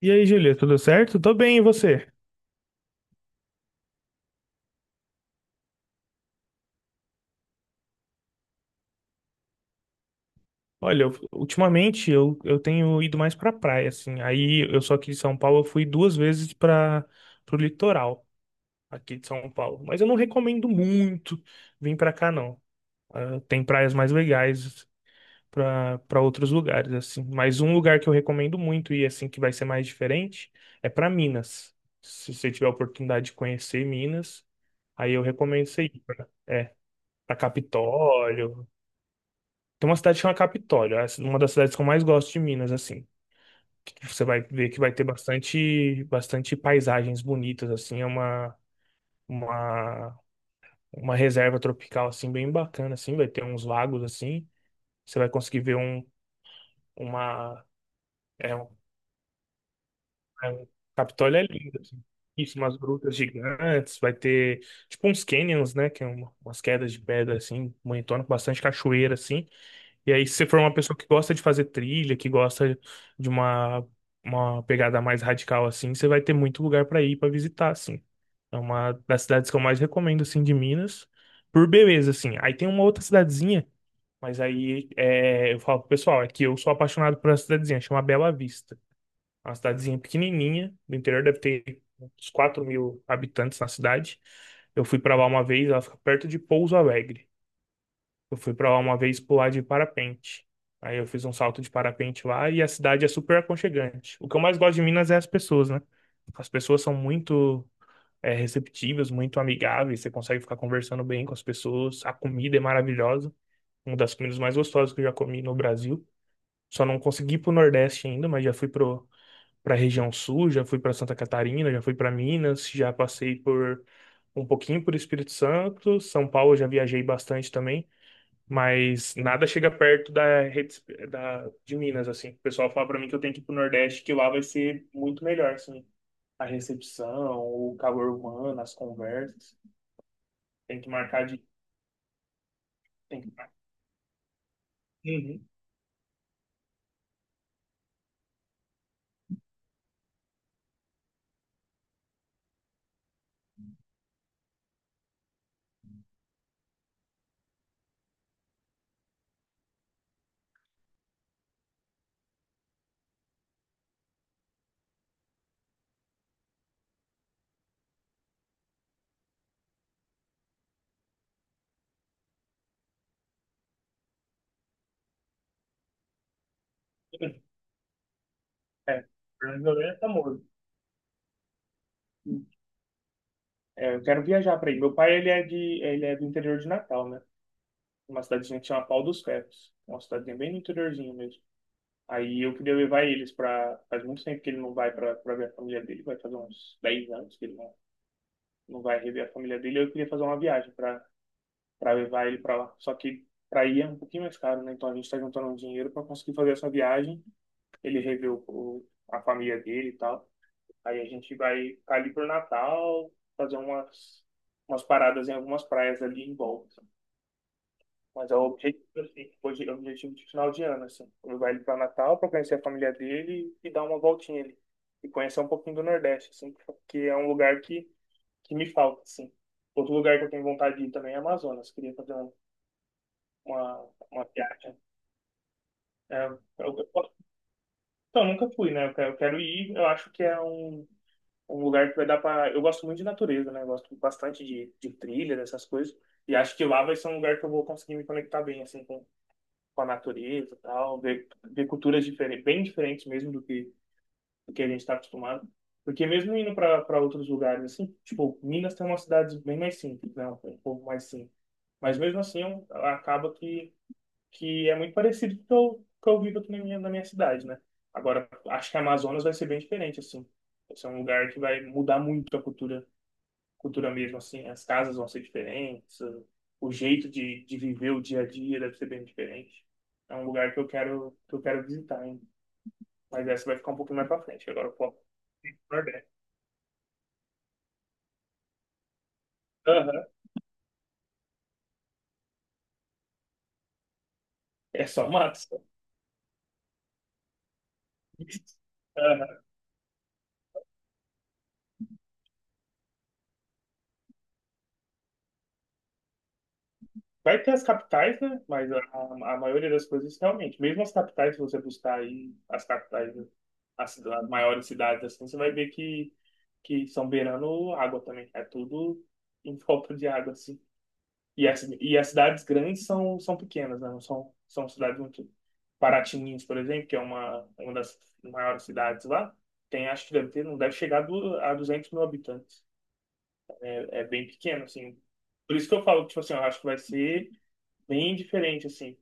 E aí, Júlia, tudo certo? Tô bem, e você? Olha, ultimamente eu tenho ido mais pra praia, assim. Aí eu sou aqui de São Paulo, eu fui duas vezes para pro litoral aqui de São Paulo. Mas eu não recomendo muito vir pra cá, não. Ah, tem praias mais legais pra para outros lugares, assim. Mas um lugar que eu recomendo muito e assim que vai ser mais diferente é pra Minas. Se você tiver a oportunidade de conhecer Minas, aí eu recomendo você ir pra Capitólio. Tem uma cidade que chama Capitólio, é uma das cidades que eu mais gosto de Minas, assim. Que você vai ver que vai ter bastante paisagens bonitas, assim, é uma, uma reserva tropical, assim, bem bacana, assim, vai ter uns lagos, assim, você vai conseguir ver um, uma, é um, é um- Capitólio é lindo, assim. Isso, umas grutas gigantes, vai ter, tipo, uns canyons, né, que é umas quedas de pedra, assim, bonitona, com bastante cachoeira, assim. E aí, se você for uma pessoa que gosta de fazer trilha, que gosta de uma pegada mais radical assim, você vai ter muito lugar para ir para visitar, assim. É uma das cidades que eu mais recomendo, assim, de Minas, por beleza, assim. Aí tem uma outra cidadezinha, mas aí é, eu falo pro pessoal, é que eu sou apaixonado por essa cidadezinha, chama Bela Vista. É uma cidadezinha pequenininha, do interior, deve ter uns 4 mil habitantes na cidade. Eu fui para lá uma vez, ela fica perto de Pouso Alegre. Eu fui pra lá uma vez pular de parapente. Aí eu fiz um salto de parapente lá e a cidade é super aconchegante. O que eu mais gosto de Minas é as pessoas, né? As pessoas são muito receptivas, muito amigáveis, você consegue ficar conversando bem com as pessoas. A comida é maravilhosa, uma das comidas mais gostosas que eu já comi no Brasil. Só não consegui ir pro Nordeste ainda, mas já fui pra região Sul, já fui pra Santa Catarina, já fui pra Minas, já passei por um pouquinho por Espírito Santo. São Paulo eu já viajei bastante também. Mas nada chega perto da rede de Minas, assim. O pessoal fala pra mim que eu tenho que ir pro Nordeste, que lá vai ser muito melhor, assim. A recepção, o calor humano, as conversas. Tem que marcar de. Tem que... Uhum. É, Fernando de Noronha é famoso. É, eu quero viajar pra aí. Meu pai, ele ele é do interior de Natal, né? Uma cidadezinha que chama Pau dos Ferros. É uma cidadezinha bem no interiorzinho mesmo. Aí eu queria levar eles pra. Faz muito tempo que ele não vai pra ver a família dele, vai fazer uns 10 anos que ele não vai rever a família dele. Eu queria fazer uma viagem para levar ele para lá. Só que para ir é um pouquinho mais caro, né? Então a gente está juntando um dinheiro para conseguir fazer essa viagem. Ele rever a família dele e tal. Aí a gente vai ficar ali pro Natal, fazer umas paradas em algumas praias ali em volta. Mas é o objetivo, assim, hoje é o objetivo de final de ano, assim. Levar ele para Natal para conhecer a família dele e dar uma voltinha ali. E conhecer um pouquinho do Nordeste, assim, porque é um lugar que me falta, assim. Outro lugar que eu tenho vontade de ir também é Amazonas. Queria fazer uma viagem. É, então, eu nunca fui, né? Eu quero ir. Eu acho que é um lugar que vai dar pra. Eu gosto muito de natureza, né? Eu gosto bastante de trilha, dessas coisas. E acho que lá vai ser um lugar que eu vou conseguir me conectar bem, assim, com a natureza e tal. Ver culturas diferentes, bem diferentes mesmo do que a gente está acostumado. Porque mesmo indo para outros lugares, assim, tipo, Minas tem umas cidades bem mais simples, né? Um povo mais simples. Mas mesmo assim, acaba que é muito parecido com o que eu vivo aqui na minha cidade, né? Agora, acho que a Amazonas vai ser bem diferente, assim. Vai ser um lugar que vai mudar muito a cultura, cultura mesmo, assim. As casas vão ser diferentes, o jeito de viver o dia a dia deve ser bem diferente. É um lugar que eu quero visitar, hein? Mas essa vai ficar um pouquinho mais pra frente. Agora eu foco no Nordeste. Aham. É só mato, só. Vai ter as capitais, né? Mas a maioria das coisas, realmente, mesmo as capitais, se você buscar aí as capitais, né, as maiores cidades, assim, você vai ver que, são beirando água também. É tudo em volta de água, assim. E as cidades grandes são pequenas, né? Não são cidades muito. Paraty-Minas, por exemplo, que é uma das maiores cidades lá, tem, acho que deve ter, não deve chegar a 200 mil habitantes. É, é bem pequeno, assim. Por isso que eu falo, que, tipo assim, eu acho que vai ser bem diferente, assim.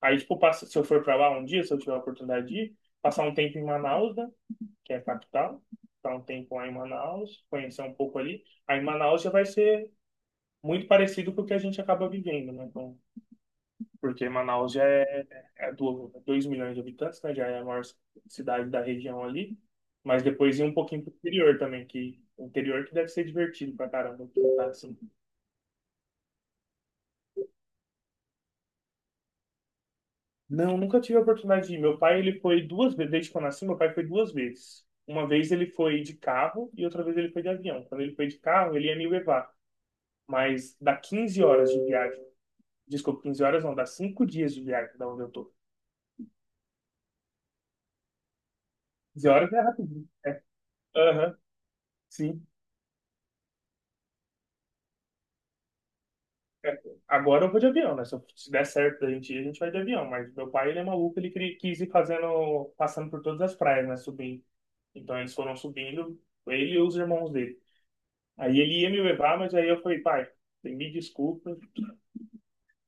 Aí, tipo, passa, se eu for pra lá um dia, se eu tiver a oportunidade de ir, passar um tempo em Manaus, né? Que é a capital. Passar um tempo lá em Manaus, conhecer um pouco ali. Aí, Manaus já vai ser muito parecido com o que a gente acaba vivendo, né? Então, porque Manaus já é 2 milhões de habitantes, né? Já é a maior cidade da região ali. Mas depois ir um pouquinho pro interior também, que o interior que deve ser divertido pra caramba. Tá assim. Não, nunca tive a oportunidade de ir. Meu pai, ele foi duas vezes, desde que eu nasci, meu pai foi duas vezes. Uma vez ele foi de carro e outra vez ele foi de avião. Quando ele foi de carro, ele ia me levar, mas dá 15 horas de viagem. Desculpa, 15 horas não, dá 5 dias de viagem da onde eu tô. 15 horas é rapidinho. É. Aham, sim. É. Agora eu vou de avião, né? Se se der certo da gente ir, a gente vai de avião. Mas meu pai, ele é maluco, ele quis ir fazendo, passando por todas as praias, né? Subindo. Então eles foram subindo, ele e os irmãos dele. Aí ele ia me levar, mas aí eu falei, pai, me desculpa,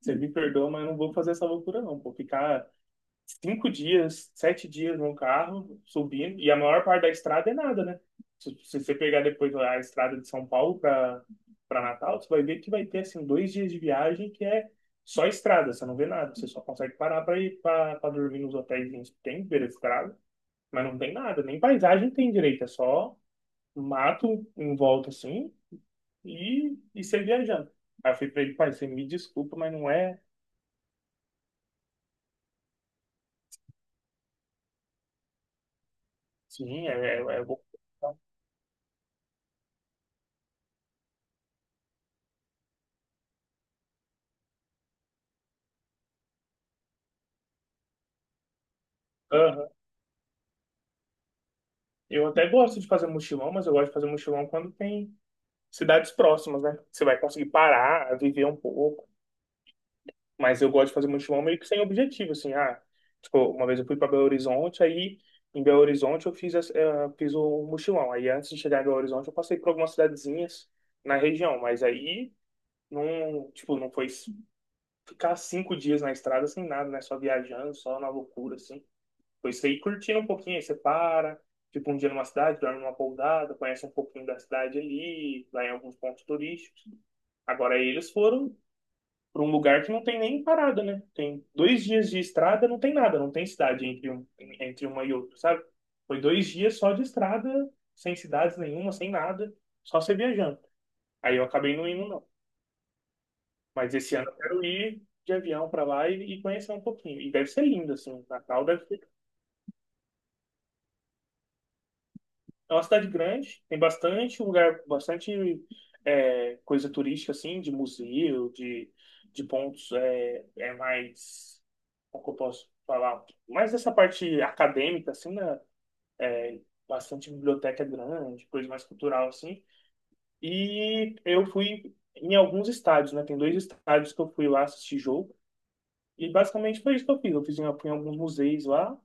você me perdoa, mas eu não vou fazer essa loucura não. Vou ficar 5 dias, 7 dias no carro, subindo, e a maior parte da estrada é nada, né? Se você pegar depois a estrada de São Paulo para Natal, você vai ver que vai ter assim 2 dias de viagem que é só estrada, você não vê nada, você só consegue parar para ir para dormir nos hotéis que tem beira de estrada, mas não tem nada, nem paisagem tem direito, é só mato em volta assim e saí viajando. Aí eu falei pra ele, pai, você me desculpa, mas não é. Sim, é bom. Aham. Eu até gosto de fazer mochilão, mas eu gosto de fazer mochilão quando tem cidades próximas, né? Você vai conseguir parar, viver um pouco. Mas eu gosto de fazer mochilão meio que sem objetivo, assim. Ah, tipo, uma vez eu fui para Belo Horizonte, aí em Belo Horizonte eu fiz o mochilão. Aí antes de chegar em Belo Horizonte eu passei por algumas cidadezinhas na região, mas aí não, tipo, não foi ficar 5 dias na estrada sem nada, né? Só viajando, só na loucura, assim. Depois você ir curtindo um pouquinho, aí você para, tipo um dia numa cidade, dorme numa pousada, conhece um pouquinho da cidade ali, vai em alguns pontos turísticos. Agora eles foram para um lugar que não tem nem parada, né? Tem 2 dias de estrada, não tem nada, não tem cidade entre uma e outra, sabe? Foi 2 dias só de estrada, sem cidades nenhuma, sem nada, só você viajando. Aí eu acabei não indo, não. Mas esse ano eu quero ir de avião para lá e conhecer um pouquinho. E deve ser lindo, assim. Natal deve ser... É uma cidade grande, tem bastante lugar, bastante coisa turística, assim, de museu, de pontos é mais... Como que eu posso falar? Mais essa parte acadêmica, assim, né? É, bastante biblioteca grande, coisa mais cultural, assim. E eu fui em alguns estádios, né? Tem dois estádios que eu fui lá assistir jogo. E basicamente foi isso que eu fiz. Eu fui em alguns museus lá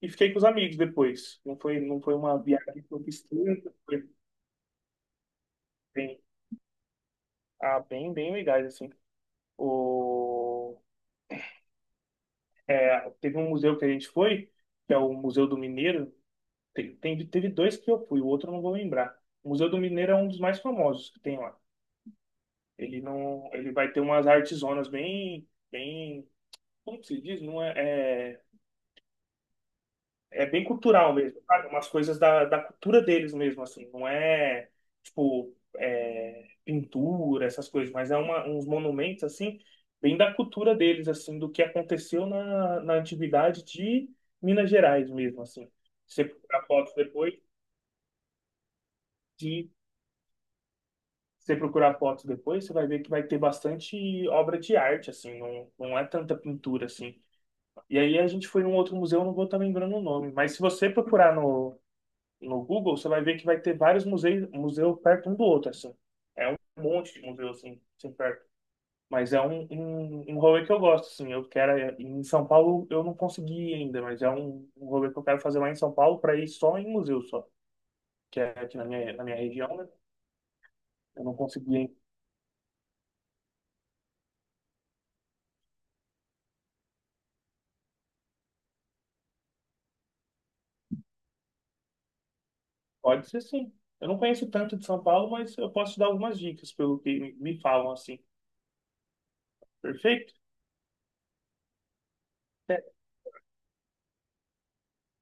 e fiquei com os amigos depois. Não foi uma viagem que eu fiz tanto, foi bem, bem legais, assim. O, teve um museu que a gente foi, que é o Museu do Mineiro. Teve dois que eu fui, o outro eu não vou lembrar. O Museu do Mineiro é um dos mais famosos que tem lá. Ele não, ele vai ter umas artesonas bem, como que se diz? Não é, é é bem cultural mesmo, sabe? Umas coisas da cultura deles mesmo, assim. Não é, tipo, pintura, essas coisas, mas é uns monumentos, assim, bem da cultura deles, assim, do que aconteceu na antiguidade de Minas Gerais mesmo, assim. Você procurar fotos depois, de você procurar fotos depois, você vai ver que vai ter bastante obra de arte, assim, não, não é tanta pintura, assim. E aí a gente foi num outro museu, não vou estar lembrando o nome, mas se você procurar no Google, você vai ver que vai ter vários museus perto um do outro, assim. Um monte de museu, assim, assim perto. Mas é um rolê que eu gosto, assim. Eu quero... Em São Paulo eu não consegui ainda, mas é um rolê que eu quero fazer lá em São Paulo para ir só em museu, só. Que é aqui na minha região, né? Eu não consegui ainda. Pode ser sim. Eu não conheço tanto de São Paulo, mas eu posso dar algumas dicas pelo que me falam, assim. Perfeito?